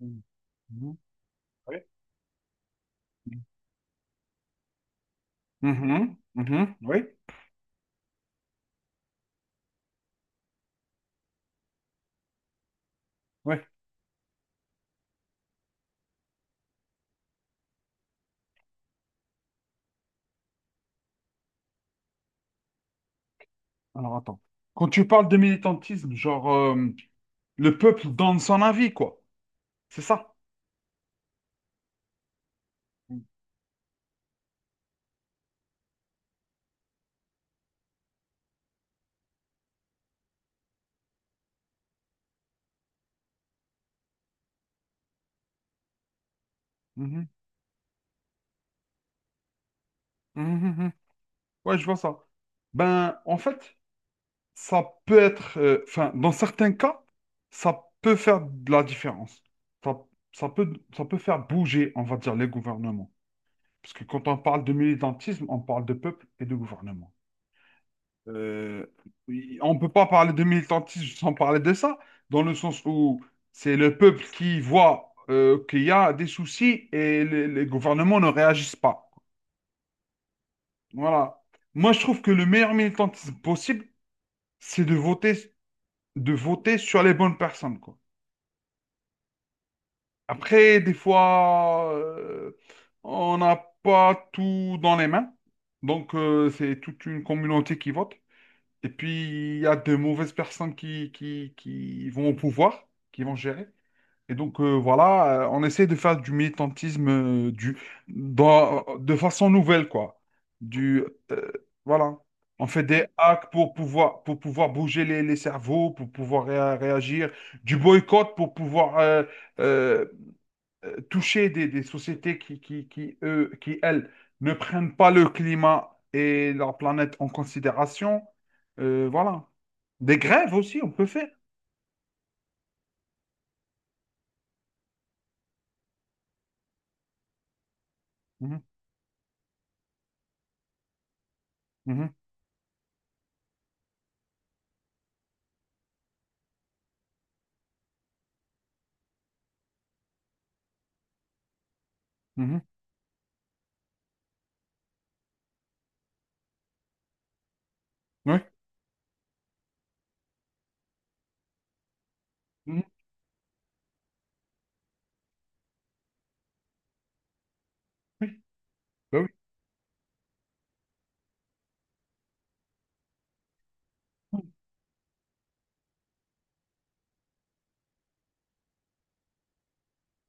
Mhm. Mhm. Oui. Mhm, mhm, oui, oui. Alors attends. Quand tu parles de militantisme, genre le peuple donne son avis, quoi. C'est ça. Mhm, mhm, mhm. Mhm. Ouais, je vois ça. Ben, en fait, ça peut être, enfin, dans certains cas, ça peut faire de la différence. Ça, ça peut faire bouger, on va dire, les gouvernements. Parce que quand on parle de militantisme, on parle de peuple et de gouvernement. Euh, oui, on ne peut pas parler de militantisme sans parler de ça, dans le sens où c'est le peuple qui voit qu'il y a des soucis et les gouvernements ne réagissent pas. Voilà. Moi, je trouve que le meilleur militantisme possible, c'est de voter sur les bonnes personnes, quoi. Après, des fois, on n'a pas tout dans les mains, donc c'est toute une communauté qui vote. Et puis, il y a de mauvaises personnes qui vont au pouvoir, qui vont gérer. Et donc, voilà, on essaie de faire du militantisme euh, du, de façon nouvelle, quoi. Du, euh, voilà. On fait des hacks pour pouvoir bouger les cerveaux, pour pouvoir réagir, du boycott pour pouvoir euh, toucher des sociétés qui, eux, qui, elles, ne prennent pas le climat et leur planète en considération. Voilà. Des grèves aussi, on peut faire. Mhm, mhm, mhm. Oui, mhm, oui, bah oui.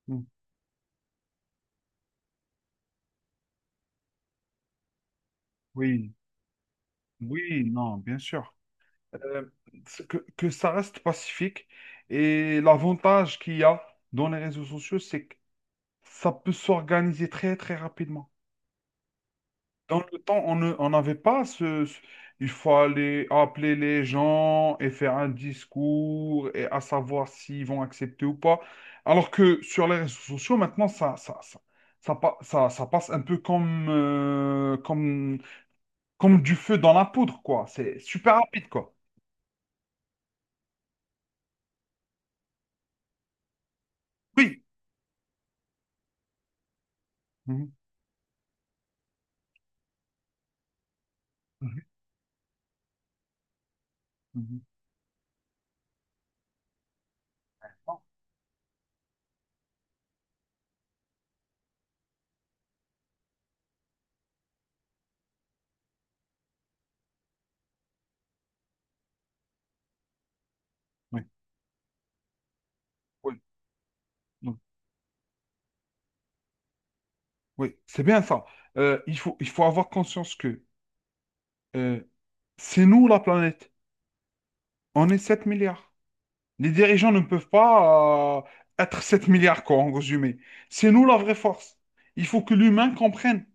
Mhm, oui, oui, non, bien sûr. Euh, c'est que ça reste pacifique. Et l'avantage qu'il y a dans les réseaux sociaux, c'est que ça peut s'organiser très, très rapidement. Dans le temps, on n'avait pas ce. Il faut aller appeler les gens et faire un discours et à savoir s'ils vont accepter ou pas. Alors que sur les réseaux sociaux, maintenant, ça passe un peu comme du feu dans la poudre, quoi. C'est super rapide, quoi. Oui. Mhm, mhm, mhm. Oui, oui, oui, oui. C'est bien ça. Il faut avoir conscience que euh, c'est nous, la planète. On est 7 milliards. Les dirigeants ne peuvent pas être 7 milliards, quoi, en résumé. C'est nous la vraie force. Il faut que l'humain comprenne.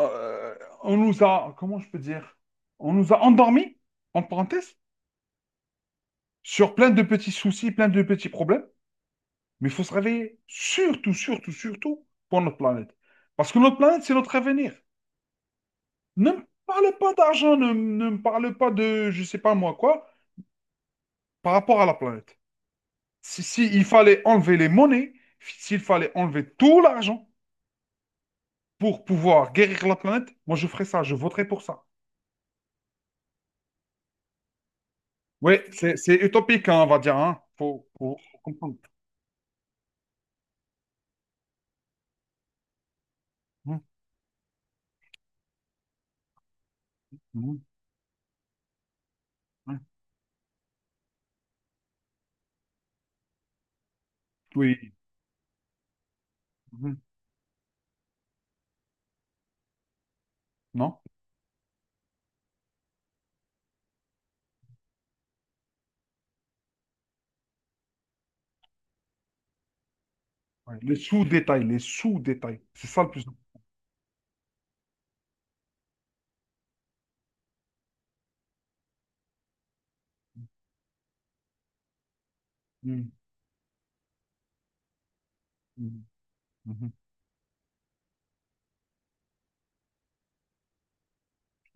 Euh, on nous a, comment je peux dire, on nous a endormis, en parenthèse, sur plein de petits soucis, plein de petits problèmes. Mais il faut se réveiller, surtout, surtout, surtout, pour notre planète. Parce que notre planète, c'est notre avenir. Ne me parle pas d'argent, ne me parle pas de, je sais pas moi quoi, par rapport à la planète. Si il fallait enlever les monnaies, s'il fallait enlever tout l'argent, pour pouvoir guérir la planète, moi je ferai ça, je voterai pour ça. Oui, c'est utopique, hein, on va dire. Hein. Faut comprendre. Hein, hein, hein. Oui. Hein. Non? Ouais. Les sous-détails, les sous-détails. C'est ça le plus. Hmm, hmm, mhm. Mhm.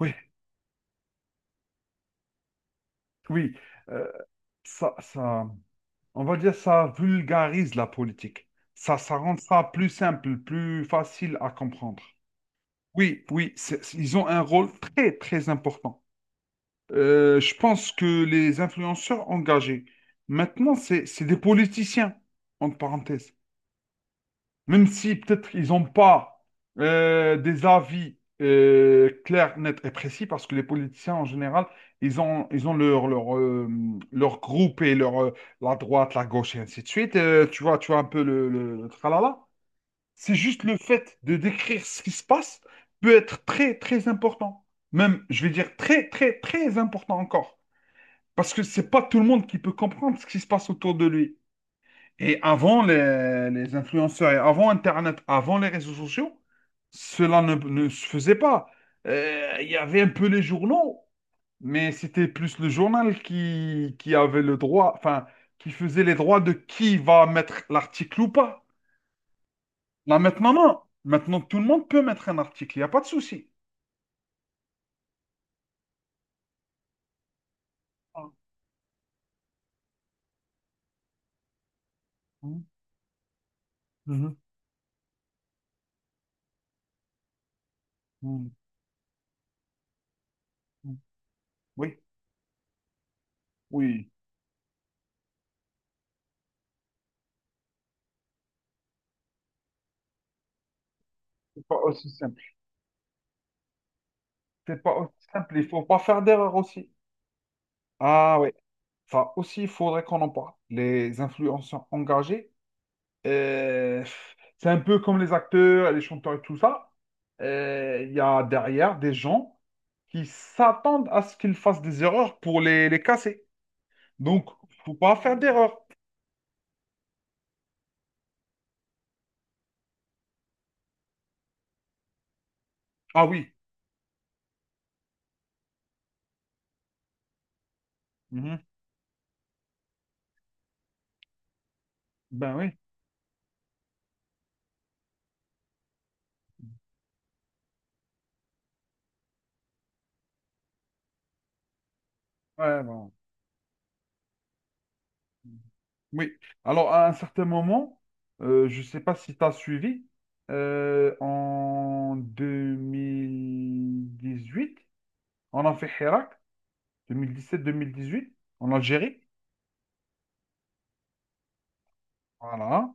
Oui, oui. Euh, ça, ça, on va dire ça vulgarise la politique. Ça rend ça plus simple, plus facile à comprendre. Oui, oui, ils ont un rôle très, très important. Je pense que les influenceurs engagés, maintenant, c'est des politiciens, entre parenthèses. Même si peut-être ils n'ont pas des avis clairs, nets et précis, parce que les politiciens, en général, ils ont leur leur groupe et la droite, la gauche, et ainsi de suite. Tu vois, tu vois un peu le tralala. C'est juste le fait de décrire ce qui se passe peut être très, très important. Même, je vais dire, très, très, très important encore. Parce que c'est pas tout le monde qui peut comprendre ce qui se passe autour de lui. Et avant les influenceurs, et avant Internet, avant les réseaux sociaux, cela ne se faisait pas. Il y avait un peu les journaux, mais c'était plus le journal qui avait le droit, enfin, qui faisait les droits de qui va mettre l'article ou pas. Là, maintenant, non. Maintenant, tout le monde peut mettre un article. Il n'y a pas de souci. Ah. Mhm. Mhm. Mhm. Oui, oui. C'est pas aussi simple. C'est pas aussi simple, il faut pas faire d'erreur aussi. Ah oui, ça aussi, il faudrait qu'on en parle. Les influenceurs engagés, euh, c'est un peu comme les acteurs, les chanteurs et tout ça. Il y a derrière des gens qui s'attendent à ce qu'ils fassent des erreurs pour les casser. Donc, faut pas faire d'erreur. Ah oui. Mhm. Ben oui. Ouais, bon. Oui. Alors, à un certain moment, je ne sais pas si tu as suivi, en 2018, on a fait Hirak, 2017-2018, en Algérie. Voilà.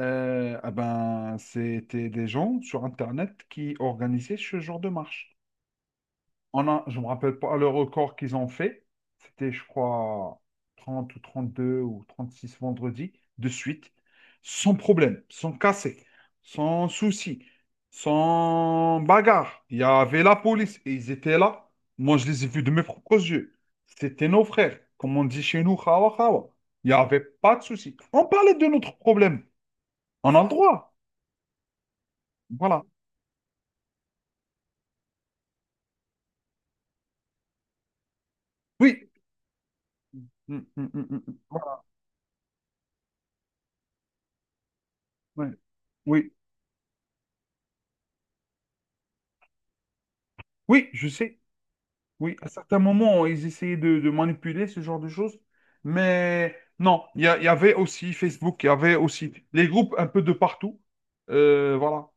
Ah ben, c'était des gens sur Internet qui organisaient ce genre de marche. Je ne me rappelle pas le record qu'ils ont fait. C'était, je crois, 30 ou 32 ou 36 vendredis de suite, sans problème, sans casser, sans souci, sans bagarre. Il y avait la police et ils étaient là. Moi, je les ai vus de mes propres yeux. C'était nos frères, comme on dit chez nous, khawa khawa. Il n'y avait pas de souci. On parlait de notre problème. On a le droit. Voilà. Oui. Mm, mm, mm, mm, mm. Voilà. Ouais. Oui. Oui, je sais. Oui, à certains moments, ils essayaient de manipuler ce genre de choses. Mais non, il y avait aussi Facebook, il y avait aussi les groupes un peu de partout. Voilà.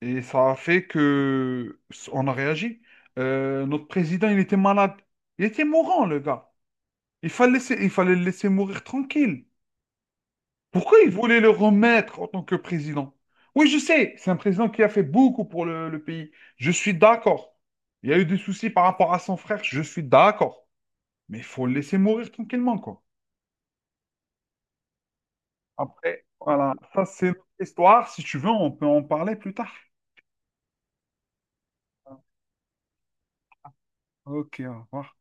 Et ça a fait que on a réagi. Notre président, il était malade. Il était mourant, le gars. Il fallait le laisser mourir tranquille. Pourquoi il voulait le remettre en tant que président? Oui, je sais, c'est un président qui a fait beaucoup pour le pays. Je suis d'accord. Il y a eu des soucis par rapport à son frère, je suis d'accord. Mais il faut le laisser mourir tranquillement, quoi. Après, voilà, ça c'est notre histoire. Si tu veux, on peut en parler plus tard. Ok, au revoir.